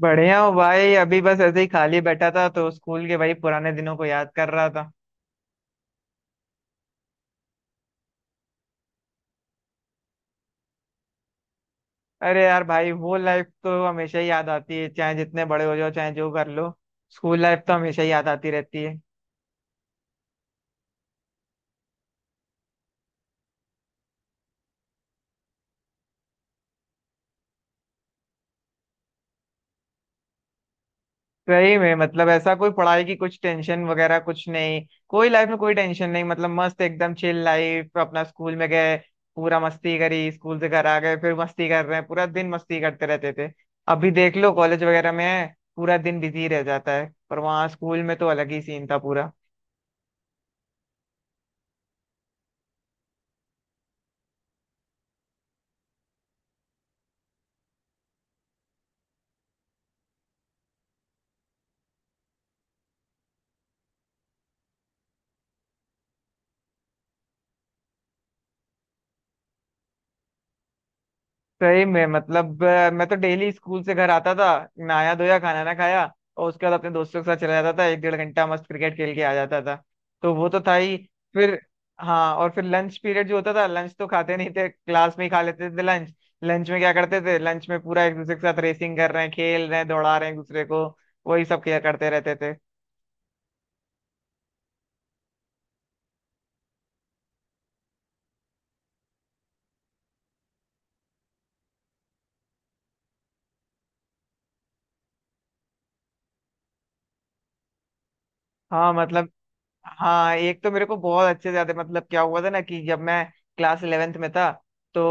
बढ़िया हूँ भाई। अभी बस ऐसे ही खाली बैठा था तो स्कूल के भाई पुराने दिनों को याद कर रहा था। अरे यार भाई वो लाइफ तो हमेशा ही याद आती है, चाहे जितने बड़े हो जाओ चाहे जो कर लो। स्कूल लाइफ तो हमेशा ही याद आती रहती है। सही में मतलब ऐसा कोई पढ़ाई की कुछ टेंशन वगैरह कुछ नहीं। कोई लाइफ में कोई टेंशन नहीं, मतलब मस्त एकदम चिल लाइफ। अपना स्कूल में गए, पूरा मस्ती करी, स्कूल से घर आ गए, फिर मस्ती कर रहे हैं, पूरा दिन मस्ती करते रहते थे। अभी देख लो कॉलेज वगैरह में पूरा दिन बिजी रह जाता है, पर वहाँ स्कूल में तो अलग ही सीन था पूरा। सही में मतलब मैं तो डेली स्कूल से घर आता था, नहाया धोया खाना ना खाया, और उसके बाद अपने दोस्तों के साथ चला जाता था, एक डेढ़ घंटा मस्त क्रिकेट खेल के आ जाता था। तो वो तो था ही। फिर हाँ, और फिर लंच पीरियड जो होता था, लंच तो खाते नहीं थे, क्लास में ही खा लेते थे लंच। लंच में क्या करते थे, लंच में पूरा एक दूसरे के साथ रेसिंग कर रहे हैं, खेल रहे हैं, दौड़ा रहे हैं एक दूसरे को। वही सब किया करते रहते थे। हाँ मतलब, हाँ एक तो मेरे को बहुत अच्छे से याद है। मतलब क्या हुआ था ना कि जब मैं क्लास 11th में था, तो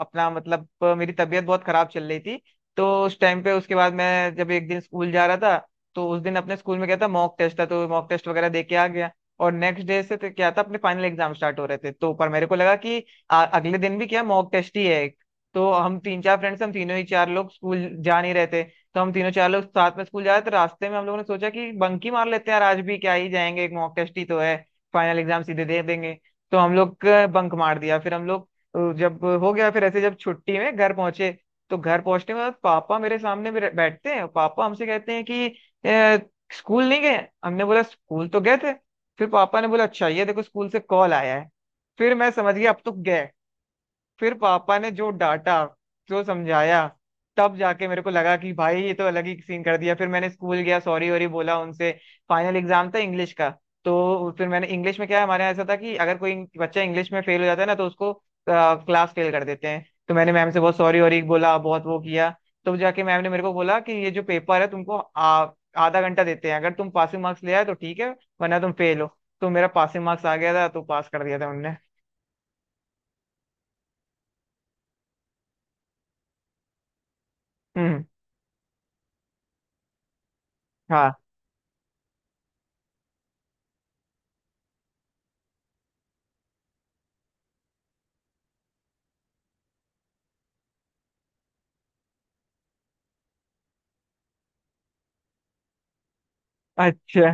अपना मतलब मेरी तबीयत बहुत खराब चल रही थी। तो उस टाइम पे उसके बाद मैं जब एक दिन स्कूल जा रहा था, तो उस दिन अपने स्कूल में क्या था, मॉक टेस्ट था, तो मॉक टेस्ट वगैरह दे के आ गया। और नेक्स्ट डे से तो क्या था, अपने फाइनल एग्जाम स्टार्ट हो रहे थे, तो पर मेरे को लगा कि अगले दिन भी क्या मॉक टेस्ट ही है एक। तो हम तीन चार फ्रेंड्स, हम तीनों ही चार लोग स्कूल जा नहीं रहे थे। तो हम तीनों चार लोग साथ में स्कूल जा रहे थे, तो रास्ते में हम लोगों ने सोचा कि बंकी मार लेते हैं यार, आज भी क्या ही जाएंगे, एक मॉक टेस्ट ही तो है, फाइनल एग्जाम सीधे दे देंगे। तो हम लोग बंक मार दिया, फिर हम लोग जब हो गया, फिर ऐसे जब छुट्टी में घर पहुंचे, तो घर पहुंचने के बाद पापा मेरे सामने मेरे बैठते हैं, पापा हमसे कहते हैं कि " स्कूल नहीं गए। हमने बोला स्कूल तो गए थे। फिर पापा ने बोला अच्छा ये देखो स्कूल से कॉल आया है। फिर मैं समझ गया अब तो गए। फिर पापा ने जो डांटा, जो समझाया, तब जाके मेरे को लगा कि भाई ये तो अलग ही सीन कर दिया। फिर मैंने स्कूल गया, सॉरी वॉरी बोला उनसे। फाइनल एग्जाम था इंग्लिश का। तो फिर मैंने इंग्लिश में क्या है, हमारे यहाँ ऐसा था कि अगर कोई बच्चा इंग्लिश में फेल हो जाता है ना, तो उसको क्लास फेल कर देते हैं। तो मैंने मैम से बहुत सॉरी वॉरी बोला, बहुत वो किया। तो जाके मैम ने मेरे को बोला कि ये जो पेपर है तुमको आधा घंटा देते हैं, अगर तुम पासिंग मार्क्स ले आए तो ठीक है, वरना तुम फेल हो। तो मेरा पासिंग मार्क्स आ गया था, तो पास कर दिया था उनने। हम्म। हाँ। अच्छा।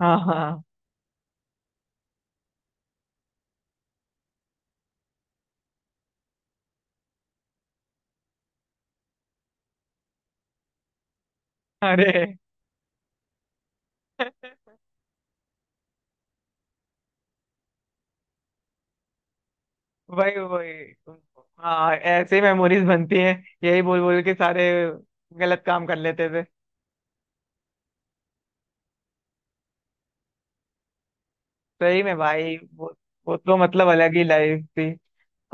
हाँ हाँ। अरे। वही वही। हाँ ऐसे मेमोरीज बनती हैं, यही बोल बोल के सारे गलत काम कर लेते थे। सही में भाई वो तो मतलब अलग ही लाइफ थी।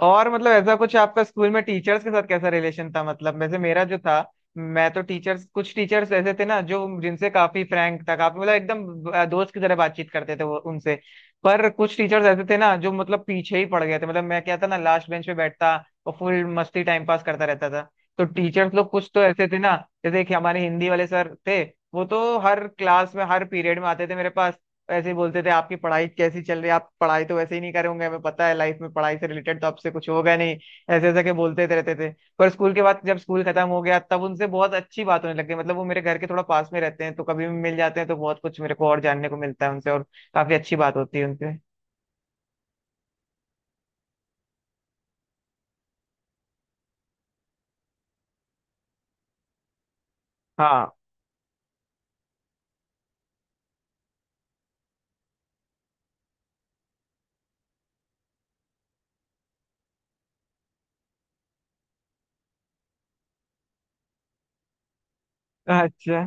और मतलब ऐसा कुछ आपका स्कूल में टीचर्स के साथ कैसा रिलेशन था, मतलब वैसे मेरा जो था, मैं तो टीचर्स, कुछ टीचर्स ऐसे थे ना जो, जिनसे काफी फ्रैंक था, काफी मतलब एकदम दोस्त की तरह बातचीत करते थे वो उनसे। पर कुछ टीचर्स ऐसे थे ना जो मतलब पीछे ही पड़ गए थे। मतलब मैं क्या था ना, लास्ट बेंच पे बैठता और फुल मस्ती टाइम पास करता रहता था। तो टीचर्स लोग कुछ तो ऐसे थे ना, जैसे एक हमारे हिंदी वाले सर थे, वो तो हर क्लास में हर पीरियड में आते थे मेरे पास। ऐसे ही बोलते थे आपकी पढ़ाई कैसी चल रही है, आप पढ़ाई तो वैसे ही नहीं करे होंगे, हमें पता है लाइफ में पढ़ाई से रिलेटेड तो आपसे कुछ होगा नहीं। ऐसे ऐसे के बोलते रहते थे। पर स्कूल के बाद जब स्कूल खत्म हो गया, तब उनसे बहुत अच्छी बात होने लग गई। मतलब वो मेरे घर के थोड़ा पास में रहते हैं, तो कभी भी मिल जाते हैं, तो बहुत कुछ मेरे को और जानने को मिलता है उनसे, और काफी अच्छी बात होती है उनसे। हाँ। अच्छा।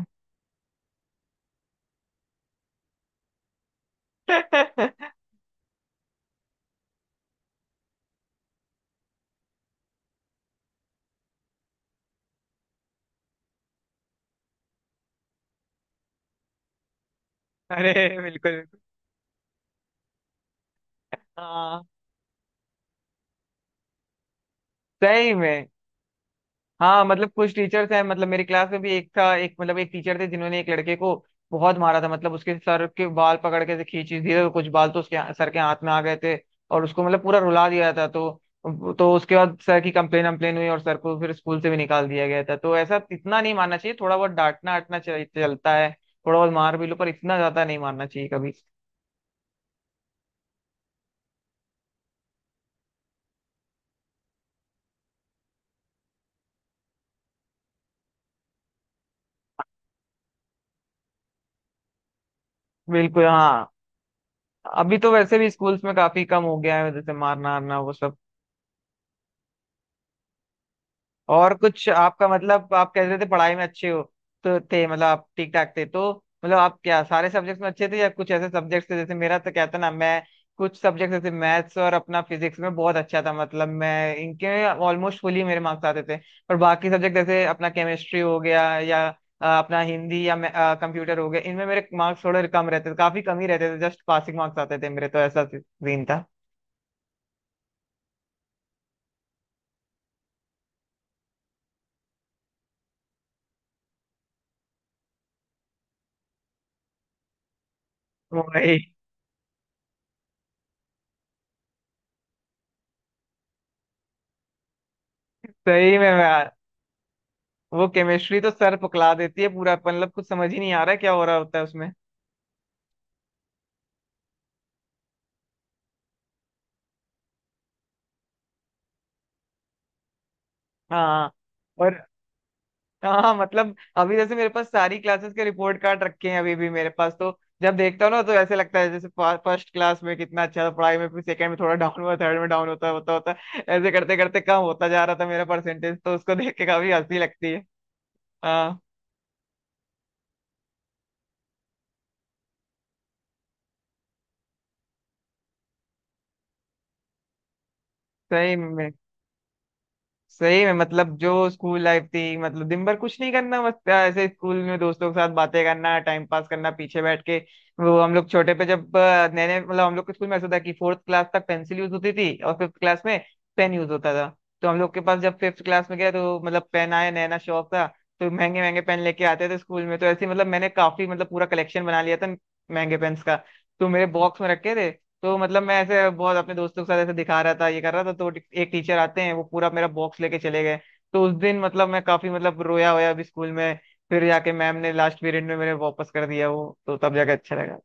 अरे। बिल्कुल बिल्कुल। हाँ सही में। हाँ मतलब कुछ टीचर्स हैं, मतलब मेरी क्लास में भी एक था, एक मतलब एक टीचर थे, जिन्होंने एक लड़के को बहुत मारा था। मतलब उसके सर के बाल पकड़ के से खींची दिए, कुछ बाल तो उसके सर के हाथ में आ गए थे, और उसको मतलब पूरा रुला दिया था। तो उसके बाद सर की कंप्लेन अम्प्लेन हुई, और सर को फिर स्कूल से भी निकाल दिया गया था। तो ऐसा इतना नहीं मानना चाहिए, थोड़ा बहुत डांटना आटना चलता है, थोड़ा बहुत मार भी लो, पर इतना ज्यादा नहीं मारना चाहिए कभी। बिल्कुल हाँ। अभी तो वैसे भी स्कूल्स में काफी कम हो गया है जैसे मारना आरना वो सब। और कुछ आपका मतलब आप कह रहे थे पढ़ाई में अच्छे हो तो थे, मतलब आप ठीक ठाक थे तो, मतलब आप क्या सारे सब्जेक्ट्स में अच्छे थे या कुछ ऐसे सब्जेक्ट्स थे, जैसे मेरा तो कहता ना, मैं कुछ सब्जेक्ट जैसे मैथ्स और अपना फिजिक्स में बहुत अच्छा था। मतलब मैं इनके ऑलमोस्ट फुली मेरे मार्क्स आते थे। पर बाकी सब्जेक्ट जैसे अपना केमिस्ट्री हो गया या अपना हिंदी या कंप्यूटर हो गया, इनमें मेरे मार्क्स थोड़े कम रहते थे, काफी कम ही रहते थे, जस्ट पासिंग मार्क्स आते थे मेरे, तो ऐसा सीन था। वही। सही में मैं, वो केमिस्ट्री तो सर पकड़ा देती है पूरा, मतलब कुछ समझ ही नहीं आ रहा है क्या हो रहा होता है उसमें। हाँ और, हाँ मतलब अभी जैसे मेरे पास सारी क्लासेस के रिपोर्ट कार्ड रखे हैं अभी भी मेरे पास, तो जब देखता हूँ ना तो ऐसे लगता है जैसे फर्स्ट क्लास में कितना अच्छा था पढ़ाई में, फिर सेकंड में थोड़ा डाउन हुआ, थर्ड में डाउन होता होता होता, ऐसे करते करते कम होता जा रहा था मेरा परसेंटेज, तो उसको देख के काफी हंसी लगती है। हाँ। सही में। सही में मतलब जो स्कूल लाइफ थी, मतलब दिन भर कुछ नहीं करना, बस ऐसे स्कूल में दोस्तों के साथ बातें करना, टाइम पास करना पीछे बैठ के। वो हम लोग छोटे पे जब नए नए, मतलब हम लोग के स्कूल में ऐसा था कि फोर्थ क्लास तक पेंसिल यूज होती थी, और फिफ्थ क्लास में पेन यूज होता था। तो हम लोग के पास जब फिफ्थ क्लास में गया तो मतलब पेन आया, नया नया शौक था। तो महंगे महंगे पेन लेके आते थे स्कूल में, तो ऐसे ही मतलब मैंने काफी, मतलब पूरा कलेक्शन बना लिया था महंगे पेन्स का, तो मेरे बॉक्स में रखे थे। तो मतलब मैं ऐसे बहुत अपने दोस्तों के साथ ऐसे दिखा रहा था, ये कर रहा था, तो एक टीचर आते हैं, वो पूरा मेरा बॉक्स लेके चले गए। तो उस दिन मतलब मैं काफी, मतलब रोया होया भी स्कूल में। फिर जाके मैम ने लास्ट पीरियड में मेरे वापस कर दिया, वो तो तब जाके अच्छा लगा।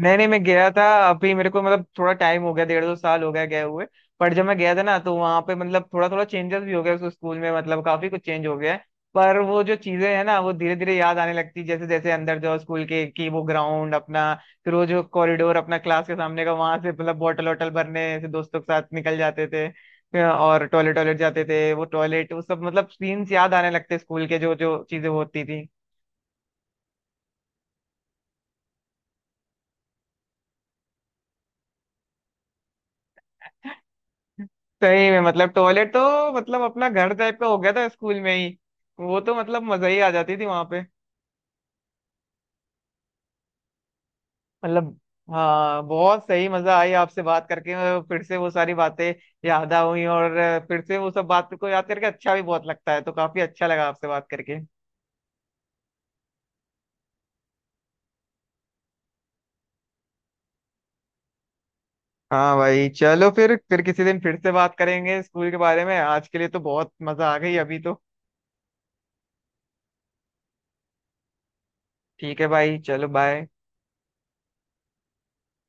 नहीं नहीं, मैं गया था अभी, मेरे को मतलब थोड़ा टाइम हो गया, डेढ़ दो साल हो गया गए हुए। पर जब मैं गया था ना, तो वहाँ पे मतलब थोड़ा थोड़ा चेंजेस भी हो गया उस स्कूल में, मतलब काफी कुछ चेंज हो गया है। पर वो जो चीजें हैं ना, वो धीरे धीरे याद आने लगती जैसे जैसे अंदर जाओ स्कूल के, की वो ग्राउंड अपना, फिर वो जो कॉरिडोर अपना क्लास के सामने का, वहां से मतलब बॉटल वॉटल भरने से दोस्तों के साथ निकल जाते थे। फिर और टॉयलेट, टॉयलेट जाते थे, वो टॉयलेट वो सब मतलब सीन्स याद आने लगते स्कूल के जो जो चीजें होती थी। सही में मतलब टॉयलेट तो मतलब अपना घर टाइप का हो गया था स्कूल में ही, वो तो मतलब मजा ही आ जाती थी वहां पे। मतलब हाँ, बहुत सही मजा आई आपसे बात करके, और फिर से वो सारी बातें याद आ हुई, और फिर से वो सब बात को याद करके अच्छा भी बहुत लगता है, तो काफी अच्छा लगा आपसे बात करके। हाँ भाई, चलो फिर किसी दिन फिर से बात करेंगे स्कूल के बारे में, आज के लिए तो बहुत मजा आ गई अभी तो। ठीक है भाई चलो बाय।